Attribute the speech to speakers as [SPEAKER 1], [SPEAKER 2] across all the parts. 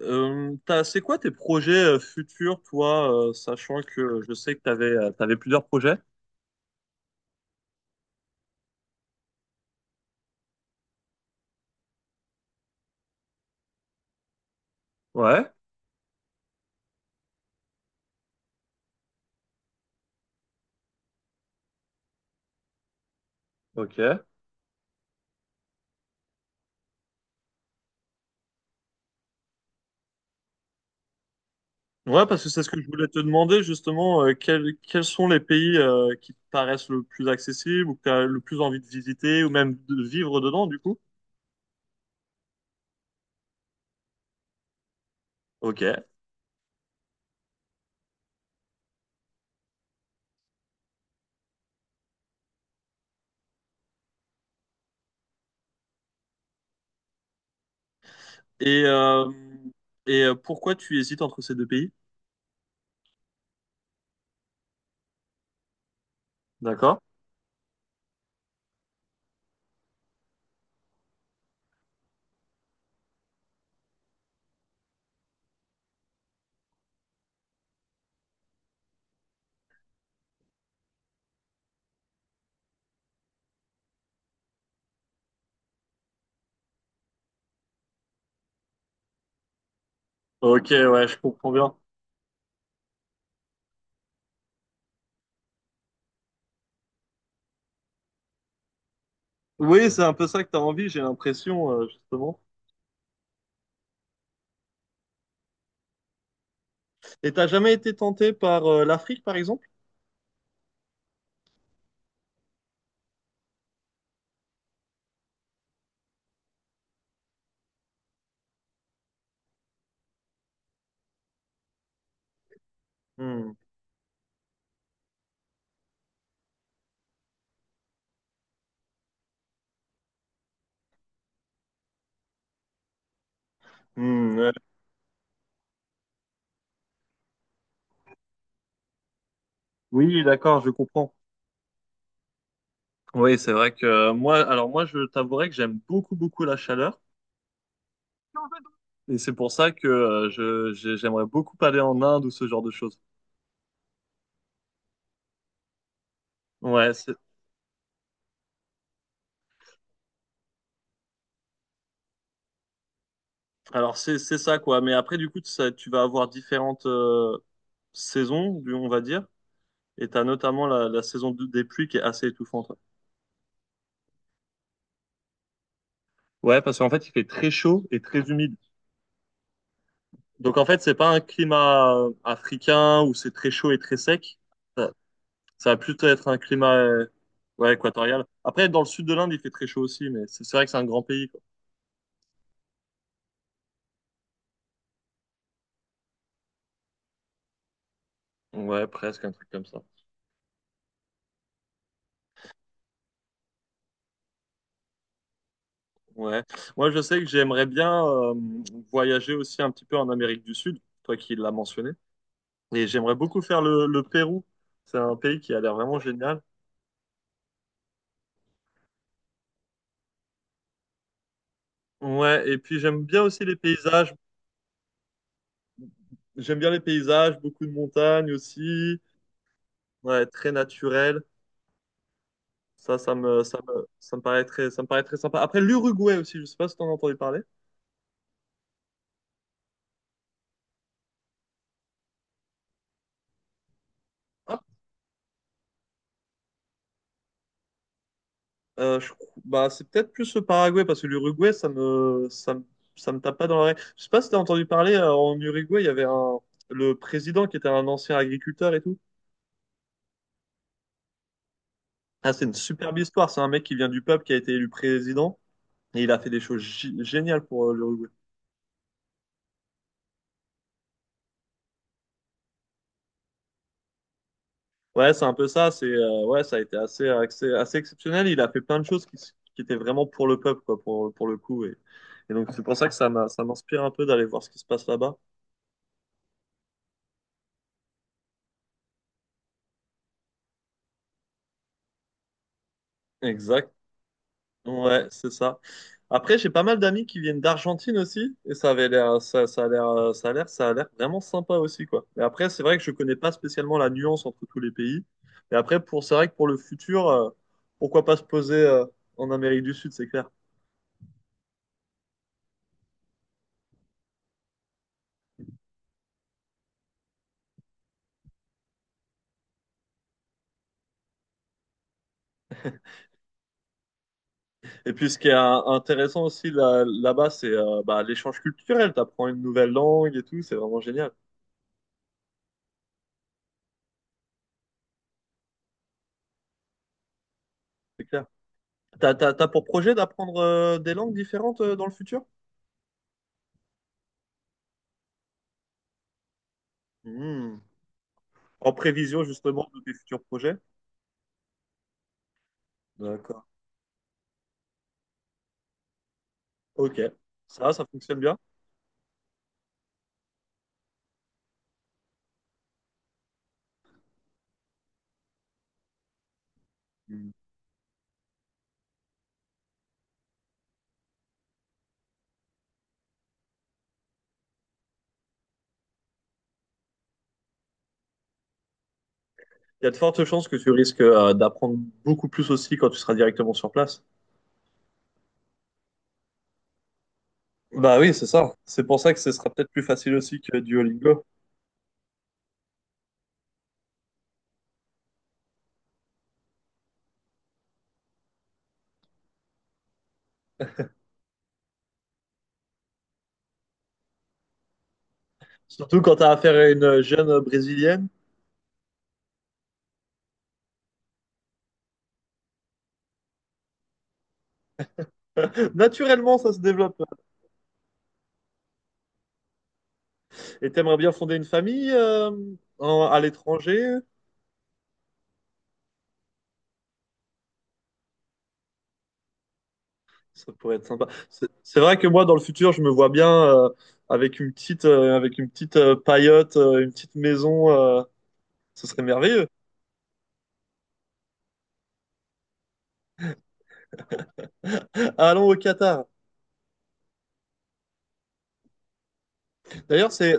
[SPEAKER 1] C'est quoi tes projets futurs, toi, sachant que je sais que t'avais plusieurs projets? Ouais, ok. Ouais, parce que c'est ce que je voulais te demander, justement, quels sont les pays qui te paraissent le plus accessibles ou que t'as le plus envie de visiter ou même de vivre dedans, du coup? Ok. Et, euh, Pourquoi tu hésites entre ces deux pays? D'accord. Ok, ouais, je comprends bien. Oui, c'est un peu ça que t'as envie, j'ai l'impression, justement. Et t'as jamais été tenté par l'Afrique, par exemple? Hmm. Hmm, ouais. Oui, d'accord, je comprends. Oui, c'est vrai que moi, alors moi, je t'avouerai que j'aime beaucoup, beaucoup la chaleur. Et c'est pour ça que j'aimerais beaucoup aller en Inde ou ce genre de choses. Ouais, c'est- alors c'est ça quoi. Mais après du coup, tu vas avoir différentes saisons, on va dire. Et t'as notamment la des pluies qui est assez étouffante. Ouais, ouais, parce qu'en fait, il fait très chaud et très humide. Donc en fait, c'est pas un climat africain où c'est très chaud et très sec. Euh, Ça va plutôt être un climat ouais, équatorial. Après, dans le sud de l'Inde, il fait très chaud aussi, mais c'est vrai que c'est un grand pays, quoi. Ouais, presque un truc comme ça. Ouais. Moi, je sais que j'aimerais bien voyager aussi un petit peu en Amérique du Sud, toi qui l'as mentionné. Et j'aimerais beaucoup faire le Pérou. C'est un pays qui a l'air vraiment génial. Ouais, et puis j'aime bien aussi les paysages. J'aime bien les paysages, beaucoup de montagnes aussi. Ouais, très naturel. Ça me paraît ça me paraît très sympa. Après, l'Uruguay aussi, je sais pas si t'en as entendu parler. Bah, c'est peut-être plus le Paraguay parce que l'Uruguay, ça me tape pas dans l'oreille. Je sais pas si t'as entendu parler, en Uruguay, il y avait un, le président qui était un ancien agriculteur et tout. Ah, c'est une superbe histoire. C'est un mec qui vient du peuple, qui a été élu président et il a fait des choses géniales pour l'Uruguay. Ouais, c'est un peu ça. Ouais, ça a été assez exceptionnel. Il a fait plein de choses qui étaient vraiment pour le peuple, quoi, pour le coup. Et donc, c'est pour ça que ça m'inspire un peu d'aller voir ce qui se passe là-bas. Exact. Ouais, c'est ça. Après, j'ai pas mal d'amis qui viennent d'Argentine aussi, et ça avait l'air, ça a l'air, ça a l'air, ça a l'air vraiment sympa aussi, quoi. Mais après, c'est vrai que je connais pas spécialement la nuance entre tous les pays. Mais après, c'est vrai que pour le futur, pourquoi pas se poser, en Amérique du Sud, c'est clair. Et puis, ce qui est intéressant aussi là-bas, bah, l'échange culturel. T'apprends une nouvelle langue et tout, c'est vraiment génial, c'est clair. T'as pour projet d'apprendre, des langues différentes, dans le futur? Hmm. En prévision, justement, de tes futurs projets? D'accord. Ok. Ça fonctionne bien. Mm. Il y a de fortes chances que tu risques d'apprendre beaucoup plus aussi quand tu seras directement sur place. Bah oui, c'est ça. C'est pour ça que ce sera peut-être plus facile aussi que Duolingo. Surtout quand tu as affaire à une jeune brésilienne. Naturellement, ça se développe. Et t'aimerais bien fonder une famille à l'étranger? Ça pourrait être sympa. C'est vrai que moi, dans le futur, je me vois bien euh, avec une avec une petite paillote, une petite maison. Ce serait merveilleux. Allons au Qatar. D'ailleurs, c'est...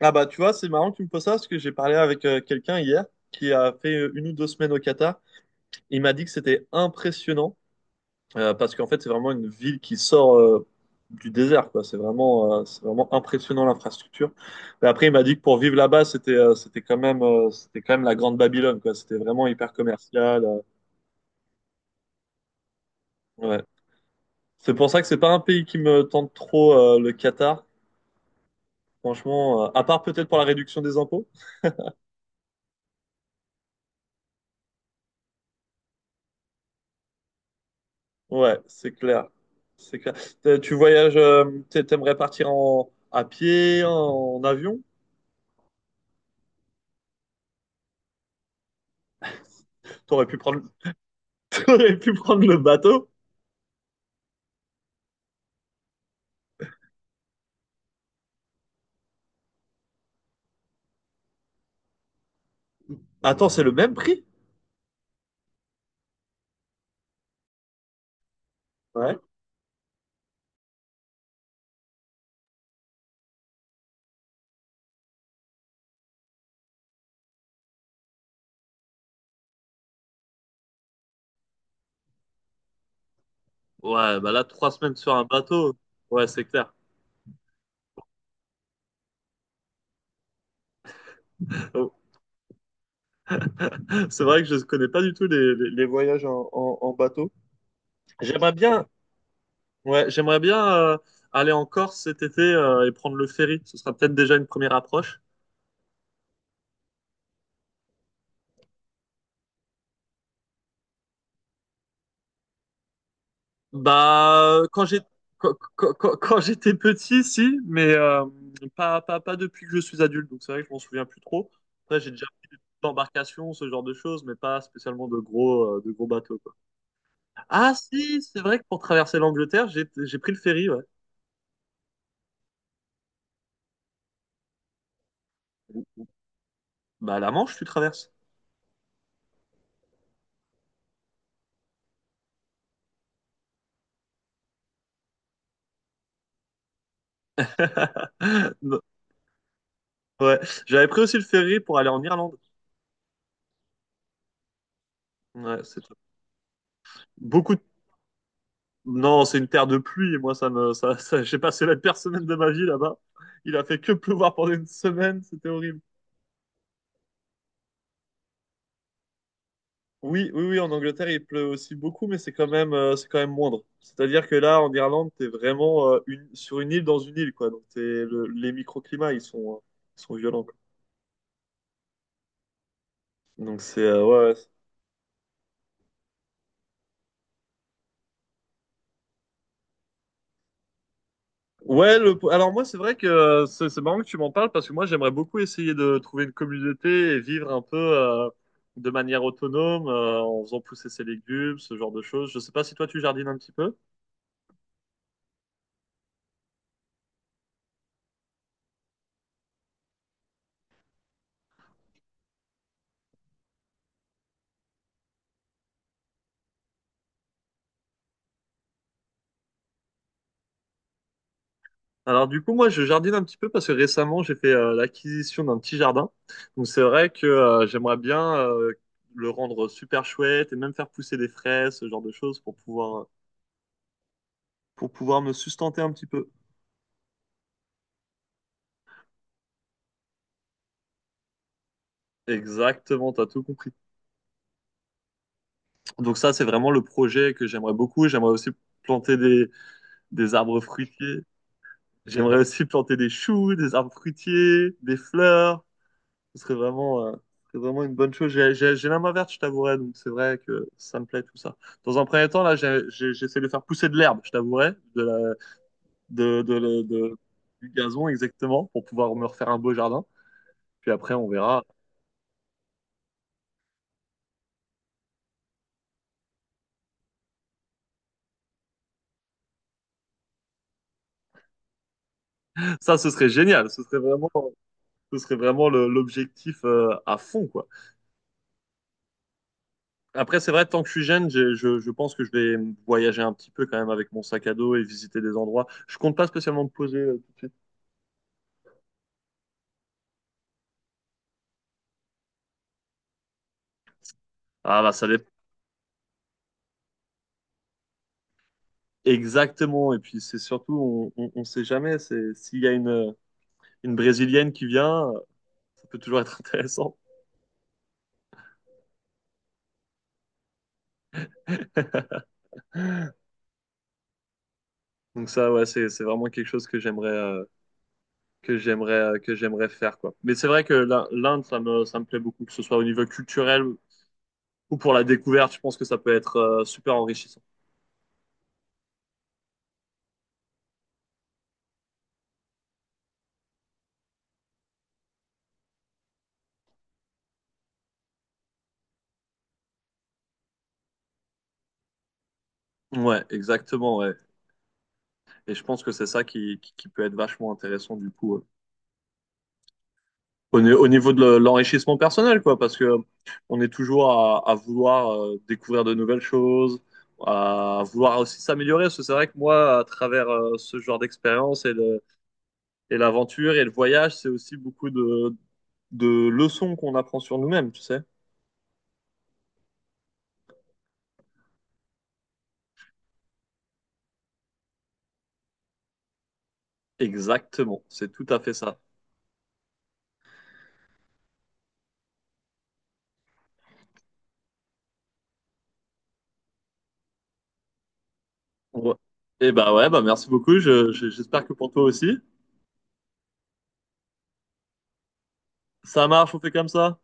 [SPEAKER 1] Ah bah, tu vois, c'est marrant que tu me poses ça parce que j'ai parlé avec quelqu'un hier qui a fait une ou deux semaines au Qatar. Il m'a dit que c'était impressionnant parce qu'en fait, c'est vraiment une ville qui sort du désert, quoi. C'est vraiment impressionnant l'infrastructure. Mais après, il m'a dit que pour vivre là-bas, c'était quand même la grande Babylone, quoi. C'était vraiment hyper commercial. Ouais. C'est pour ça que c'est pas un pays qui me tente trop, le Qatar. Franchement, à part peut-être pour la réduction des impôts. Ouais, c'est clair. C'est clair. Tu voyages, t'aimerais partir en, à pied, en, avion? T'aurais pu prendre, t'aurais pu prendre le bateau. Attends, c'est le même prix? Ouais. Ouais, bah là, trois semaines sur un bateau. Ouais, c'est clair. Oh, c'est vrai que je ne connais pas du tout les voyages en bateau. J'aimerais bien, ouais, j'aimerais bien aller en Corse cet été et prendre le ferry. Ce sera peut-être déjà une première approche. Bah, quand j'ai- quand, quand- quand- Quand j'étais petit, si, mais pas depuis que je suis adulte, donc c'est vrai que je m'en souviens plus trop. Après, j'ai déjà fait des petites embarcations, ce genre de choses, mais pas spécialement de gros bateaux, quoi. Ah, si, c'est vrai que pour traverser l'Angleterre, j'ai pris le ferry, ouais. Bah, la Manche, tu traverses. Non, ouais, j'avais pris aussi le ferry pour aller en Irlande. Ouais, c'est top. Beaucoup non, c'est une terre de pluie. Moi, ça me, ça- j'ai passé la pire semaine de ma vie là-bas. Il a fait que pleuvoir pendant une semaine. C'était horrible. Oui, oui, oui, en Angleterre, il pleut aussi beaucoup, mais c'est quand même moindre. C'est-à-dire que là, en Irlande, t'es vraiment sur une île dans une île, quoi. Donc, les microclimats, ils sont violents, quoi. Donc, c'est, ouais, ouais. Ouais, le... alors moi, c'est vrai que c'est marrant que tu m'en parles parce que moi, j'aimerais beaucoup essayer de trouver une communauté et vivre un peu de manière autonome en faisant pousser ses légumes, ce genre de choses. Je sais pas si toi, tu jardines un petit peu. Alors du coup, moi, je jardine un petit peu parce que récemment, j'ai fait l'acquisition d'un petit jardin. Donc c'est vrai que j'aimerais bien le rendre super chouette et même faire pousser des fraises, ce genre de choses pour pouvoir me sustenter un petit peu. Exactement, t'as tout compris. Donc ça, c'est vraiment le projet que j'aimerais beaucoup. J'aimerais aussi planter des arbres fruitiers. J'aimerais aussi planter des choux, des arbres fruitiers, des fleurs. Ce serait vraiment une bonne chose. J'ai la main verte, je t'avouerai, donc c'est vrai que ça me plaît tout ça. Dans un premier temps, là, j'essaie de faire pousser de l'herbe, je t'avouerai, de la, de- du gazon exactement, pour pouvoir me refaire un beau jardin. Puis après, on verra. Ça, ce serait génial. Ce serait vraiment l'objectif, à fond, quoi. Après, c'est vrai, tant que je suis jeune, je pense que je vais voyager un petit peu quand même avec mon sac à dos et visiter des endroits. Je compte pas spécialement me poser tout de suite. Ah bah ça dépend. Exactement. Et puis c'est surtout, on sait jamais. C'est s'il y a une Brésilienne qui vient, ça peut toujours être intéressant. Donc ça, ouais, c'est vraiment quelque chose que j'aimerais que j'aimerais que j'aimerais faire quoi. Mais c'est vrai que l'Inde, ça me plaît beaucoup, que ce soit au niveau culturel ou pour la découverte. Je pense que ça peut être super enrichissant. Ouais, exactement. Ouais. Et je pense que c'est ça qui peut être vachement intéressant du coup. Au, ni- Au niveau de l'enrichissement personnel, quoi, parce que on est toujours à vouloir découvrir de nouvelles choses, à vouloir aussi s'améliorer. Parce que c'est vrai que moi, à travers ce genre d'expérience et et l'aventure et le voyage, c'est aussi beaucoup de leçons qu'on apprend sur nous-mêmes, tu sais. Exactement, c'est tout à fait ça. Ouais. Et bah ouais, bah merci beaucoup. J'espère que pour toi aussi. Ça marche, on fait comme ça.